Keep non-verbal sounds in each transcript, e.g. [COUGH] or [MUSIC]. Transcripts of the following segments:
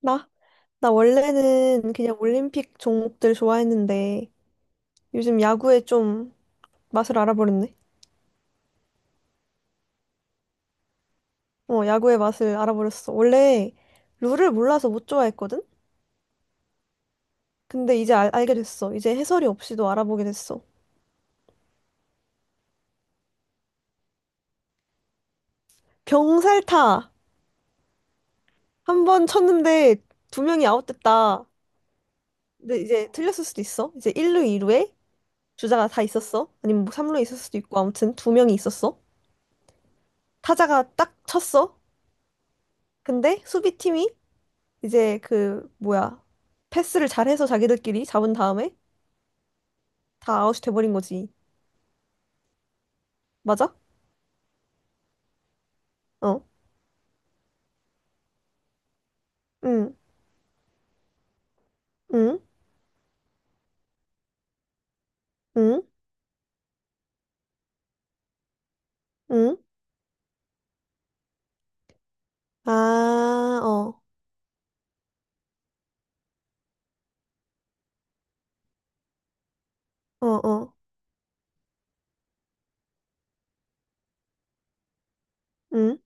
나? 나 원래는 그냥 올림픽 종목들 좋아했는데 요즘 야구에 좀 맛을 알아버렸네. 어, 야구의 맛을 알아버렸어. 원래 룰을 몰라서 못 좋아했거든? 근데 이제 알게 됐어. 이제 해설이 없이도 알아보게 됐어. 병살타! 한 번 쳤는데 두 명이 아웃됐다. 근데 이제 틀렸을 수도 있어. 이제 1루, 2루에 주자가 다 있었어. 아니면 뭐 3루에 있을 수도 있고 아무튼 두 명이 있었어. 타자가 딱 쳤어. 근데 수비팀이 이제 그 뭐야 패스를 잘해서 자기들끼리 잡은 다음에 다 아웃이 돼버린 거지. 맞아? 어. 응. 응. 응. 응. 아, 어. 어, 어. 응.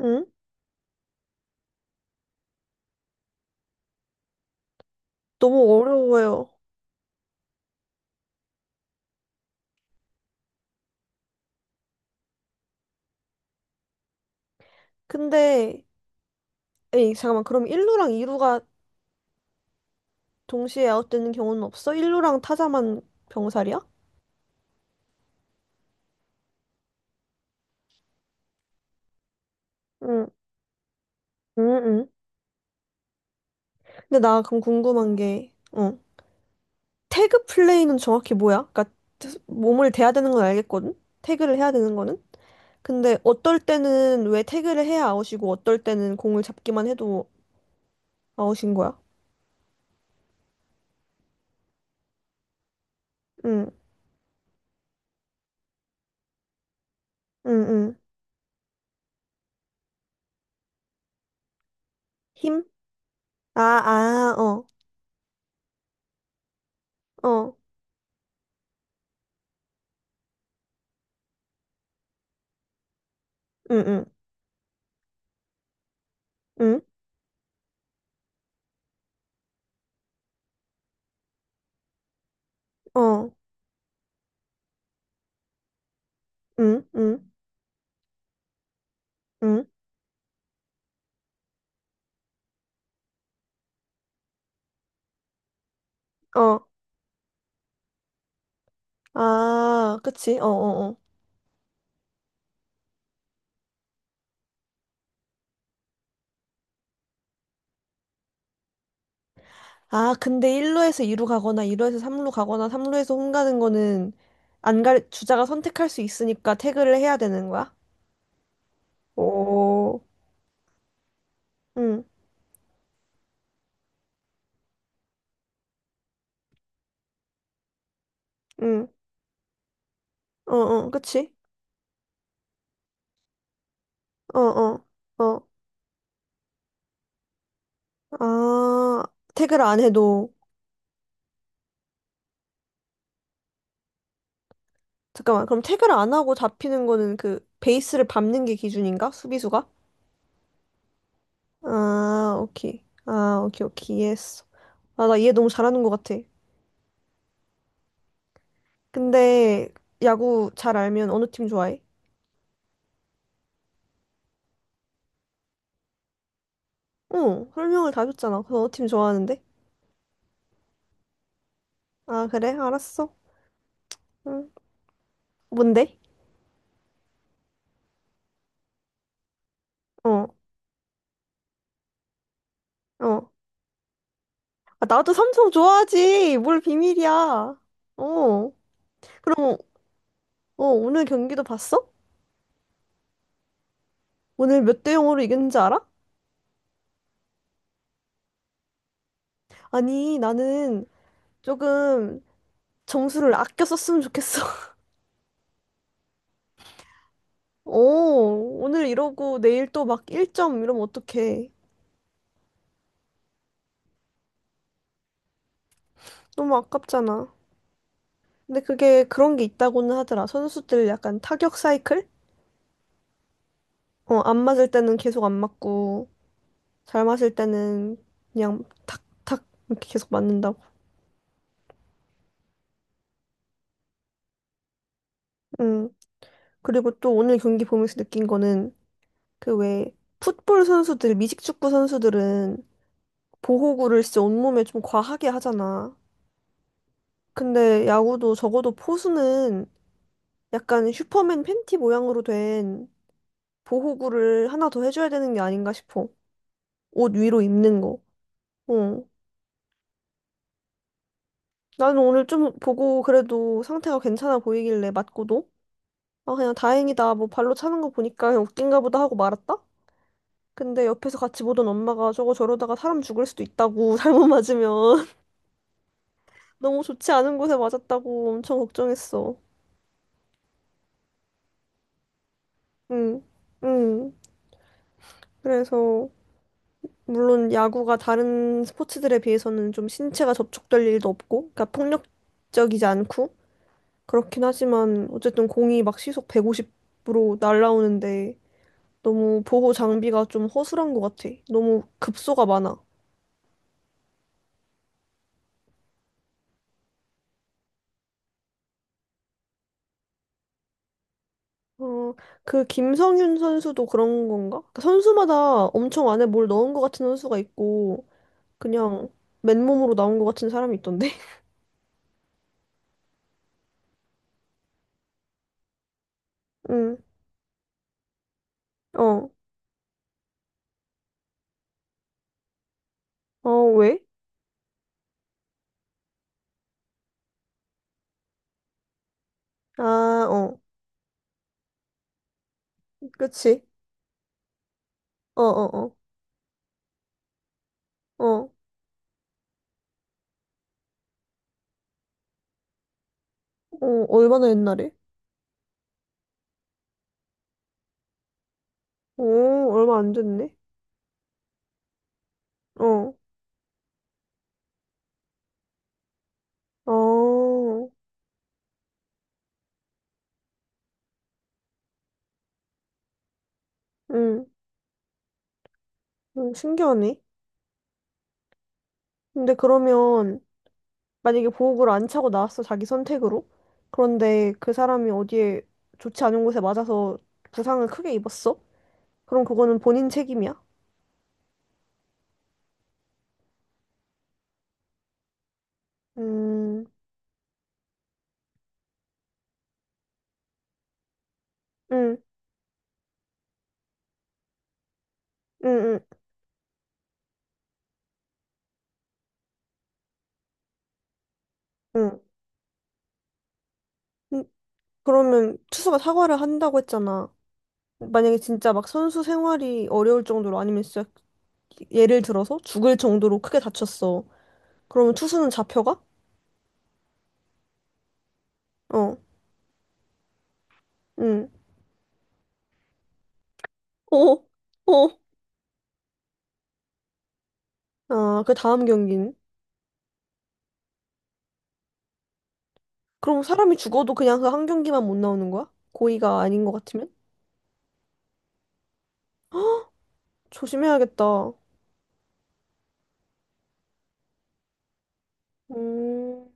응. 너무 어려워요. 근데 에이 잠깐만 그럼 1루랑 2루가 동시에 아웃되는 경우는 없어? 1루랑 타자만 병살이야? 응. 응. 응. 근데 나 그럼 궁금한 게 어. 태그 플레이는 정확히 뭐야? 그러니까 몸을 대야 되는 건 알겠거든? 태그를 해야 되는 거는? 근데 어떨 때는 왜 태그를 해야 아웃이고 어떨 때는 공을 잡기만 해도 아웃인 거야? 응, 응, 응. 힘? 아, 아, 어, 어, 응, 응, 응, 어, 응, 응, 응, 어. 아, 그치? 어, 어, 어. 아, 근데 1루에서 2루 가거나 2루에서 3루 가거나 3루에서 홈 가는 거는 안 갈, 주자가 선택할 수 있으니까 태그를 해야 되는 거야? 오, 응, 응, 어, 어, 그치? 어, 어. 어. 아, 태그를 안 해도. 잠깐만, 그럼 태그를 안 하고 잡히는 거는 그 베이스를 밟는 게 기준인가? 수비수가? 아, 오케이. 아, 오케이, 오케이. 이해했어. 아, 나 이해 너무 잘하는 것 같아. 근데 야구 잘 알면 어느 팀 좋아해? 응, 설명을 다 줬잖아. 그래서 어느 팀 좋아하는데? 아, 그래? 알았어. 응. 뭔데? 어, 어. 아, 나도 삼성 좋아하지. 뭘 비밀이야. 어. 그럼, 어, 오늘 경기도 봤어? 오늘 몇 대 0으로 이겼는지 알아? 아니, 나는 조금 점수를 아껴 썼으면 좋겠어. [LAUGHS] 오, 오늘 이러고 내일 또 막 1점 이러면 어떡해. 너무 아깝잖아. 근데 그게 그런 게 있다고는 하더라. 선수들 약간 타격 사이클? 어, 안 맞을 때는 계속 안 맞고, 잘 맞을 때는 그냥 탁, 탁, 이렇게 계속 맞는다고. 응. 그리고 또 오늘 경기 보면서 느낀 거는 그 왜 풋볼 선수들, 미식축구 선수들은 보호구를 진짜 온몸에 좀 과하게 하잖아. 근데 야구도 적어도 포수는 약간 슈퍼맨 팬티 모양으로 된 보호구를 하나 더 해줘야 되는 게 아닌가 싶어. 옷 위로 입는 거. 어. 나는 오늘 좀 보고 그래도 상태가 괜찮아 보이길래 맞고도 아 그냥 다행이다 뭐 발로 차는 거 보니까 그냥 웃긴가 보다 하고 말았다. 근데 옆에서 같이 보던 엄마가 저거 저러다가 사람 죽을 수도 있다고 [LAUGHS] 잘못 맞으면 [LAUGHS] 너무 좋지 않은 곳에 맞았다고 엄청 걱정했어. 응, 응. 그래서 물론 야구가 다른 스포츠들에 비해서는 좀 신체가 접촉될 일도 없고, 그러니까 폭력적이지 않고 그렇긴 하지만 어쨌든 공이 막 시속 150으로 날아오는데 너무 보호 장비가 좀 허술한 것 같아. 너무 급소가 많아. 어, 그 김성윤 선수도 그런 건가? 그러니까 선수마다 엄청 안에 뭘 넣은 것 같은 선수가 있고 그냥 맨몸으로 나온 것 같은 사람이 있던데. [LAUGHS] 응, 어, 어, 왜? 아, 어, 그치. 어, 어, 어, 어. 어, 얼마나 옛날에? 어, 얼마 안 됐네. 어, 어, 응, 응, 신기하네. 근데 그러면, 만약에 보호구를 안 차고 나왔어, 자기 선택으로? 그런데 그 사람이 어디에 좋지 않은 곳에 맞아서 부상을 크게 입었어? 그럼 그거는 본인 책임이야? 음, 응, 응, 응, 응. 음, 그러면 투수가 사과를 한다고 했잖아. 만약에 진짜 막 선수 생활이 어려울 정도로 아니면 진짜 예를 들어서 죽을 정도로 크게 다쳤어. 그러면 투수는 잡혀가? 어, 응. 어, 어. 아, 그 다음 경기는? 그럼 사람이 죽어도 그냥 그 한 경기만 못 나오는 거야? 고의가 아닌 것 같으면? 조심해야겠다. 음,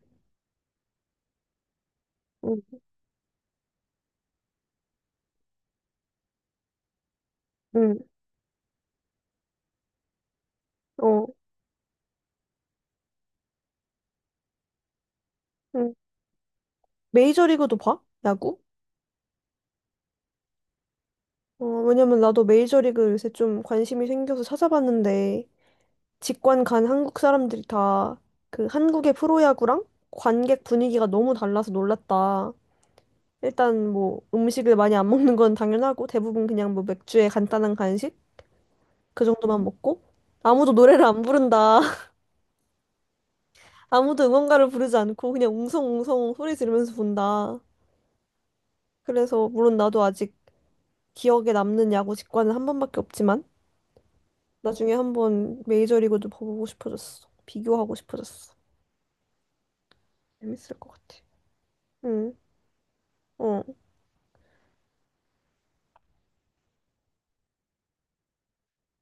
응, 응, 어, 응. 메이저리그도 봐? 야구? 어, 왜냐면 나도 메이저리그 요새 좀 관심이 생겨서 찾아봤는데, 직관 간 한국 사람들이 다 그 한국의 프로야구랑 관객 분위기가 너무 달라서 놀랐다. 일단 뭐 음식을 많이 안 먹는 건 당연하고 대부분 그냥 뭐 맥주에 간단한 간식 그 정도만 먹고 아무도 노래를 안 부른다. [LAUGHS] 아무도 응원가를 부르지 않고 그냥 웅성웅성 소리 지르면서 본다. 그래서 물론 나도 아직 기억에 남는 야구 직관은 한 번밖에 없지만 나중에 한 번 메이저리그도 보고 싶어졌어. 비교하고 싶어졌어. 재밌을 것 같아. 응. 어.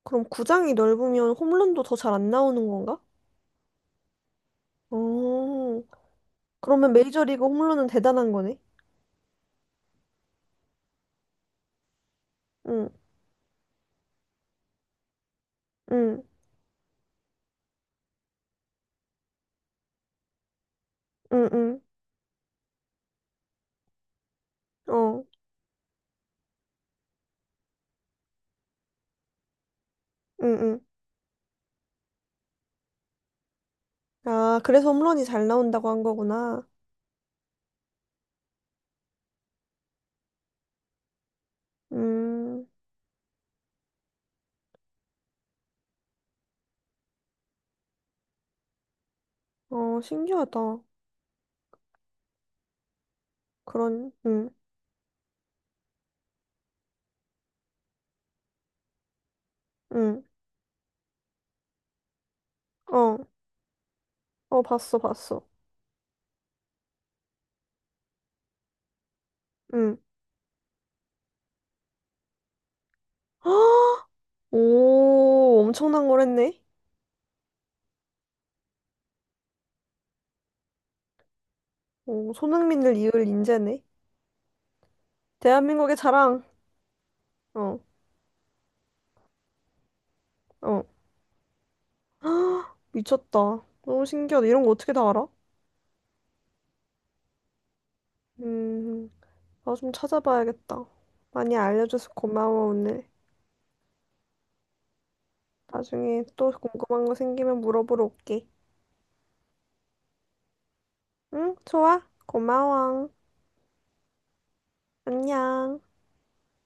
그럼 구장이 넓으면 홈런도 더 잘 안 나오는 건가? 어. 그러면 메이저리그 홈런은 대단한 거네. 응. 응. 응응. 어. 응응. 아, 그래서 홈런이 잘 나온다고 한 거구나. 음. 어, 신기하다. 그런 응. 응. 어. 어, 봤어, 봤어. 응. [GASPS] 오, 엄청난 걸 했네. 오, 손흥민을 이을 인재네. 대한민국의 자랑. 어. 어. [GASPS] 미쳤다. 너무 신기하다. 이런 거 어떻게 다 알아? 음. 나 좀 찾아봐야겠다. 많이 알려줘서 고마워, 오늘. 나중에 또 궁금한 거 생기면 물어보러 올게. 응, 좋아. 고마워. 안녕.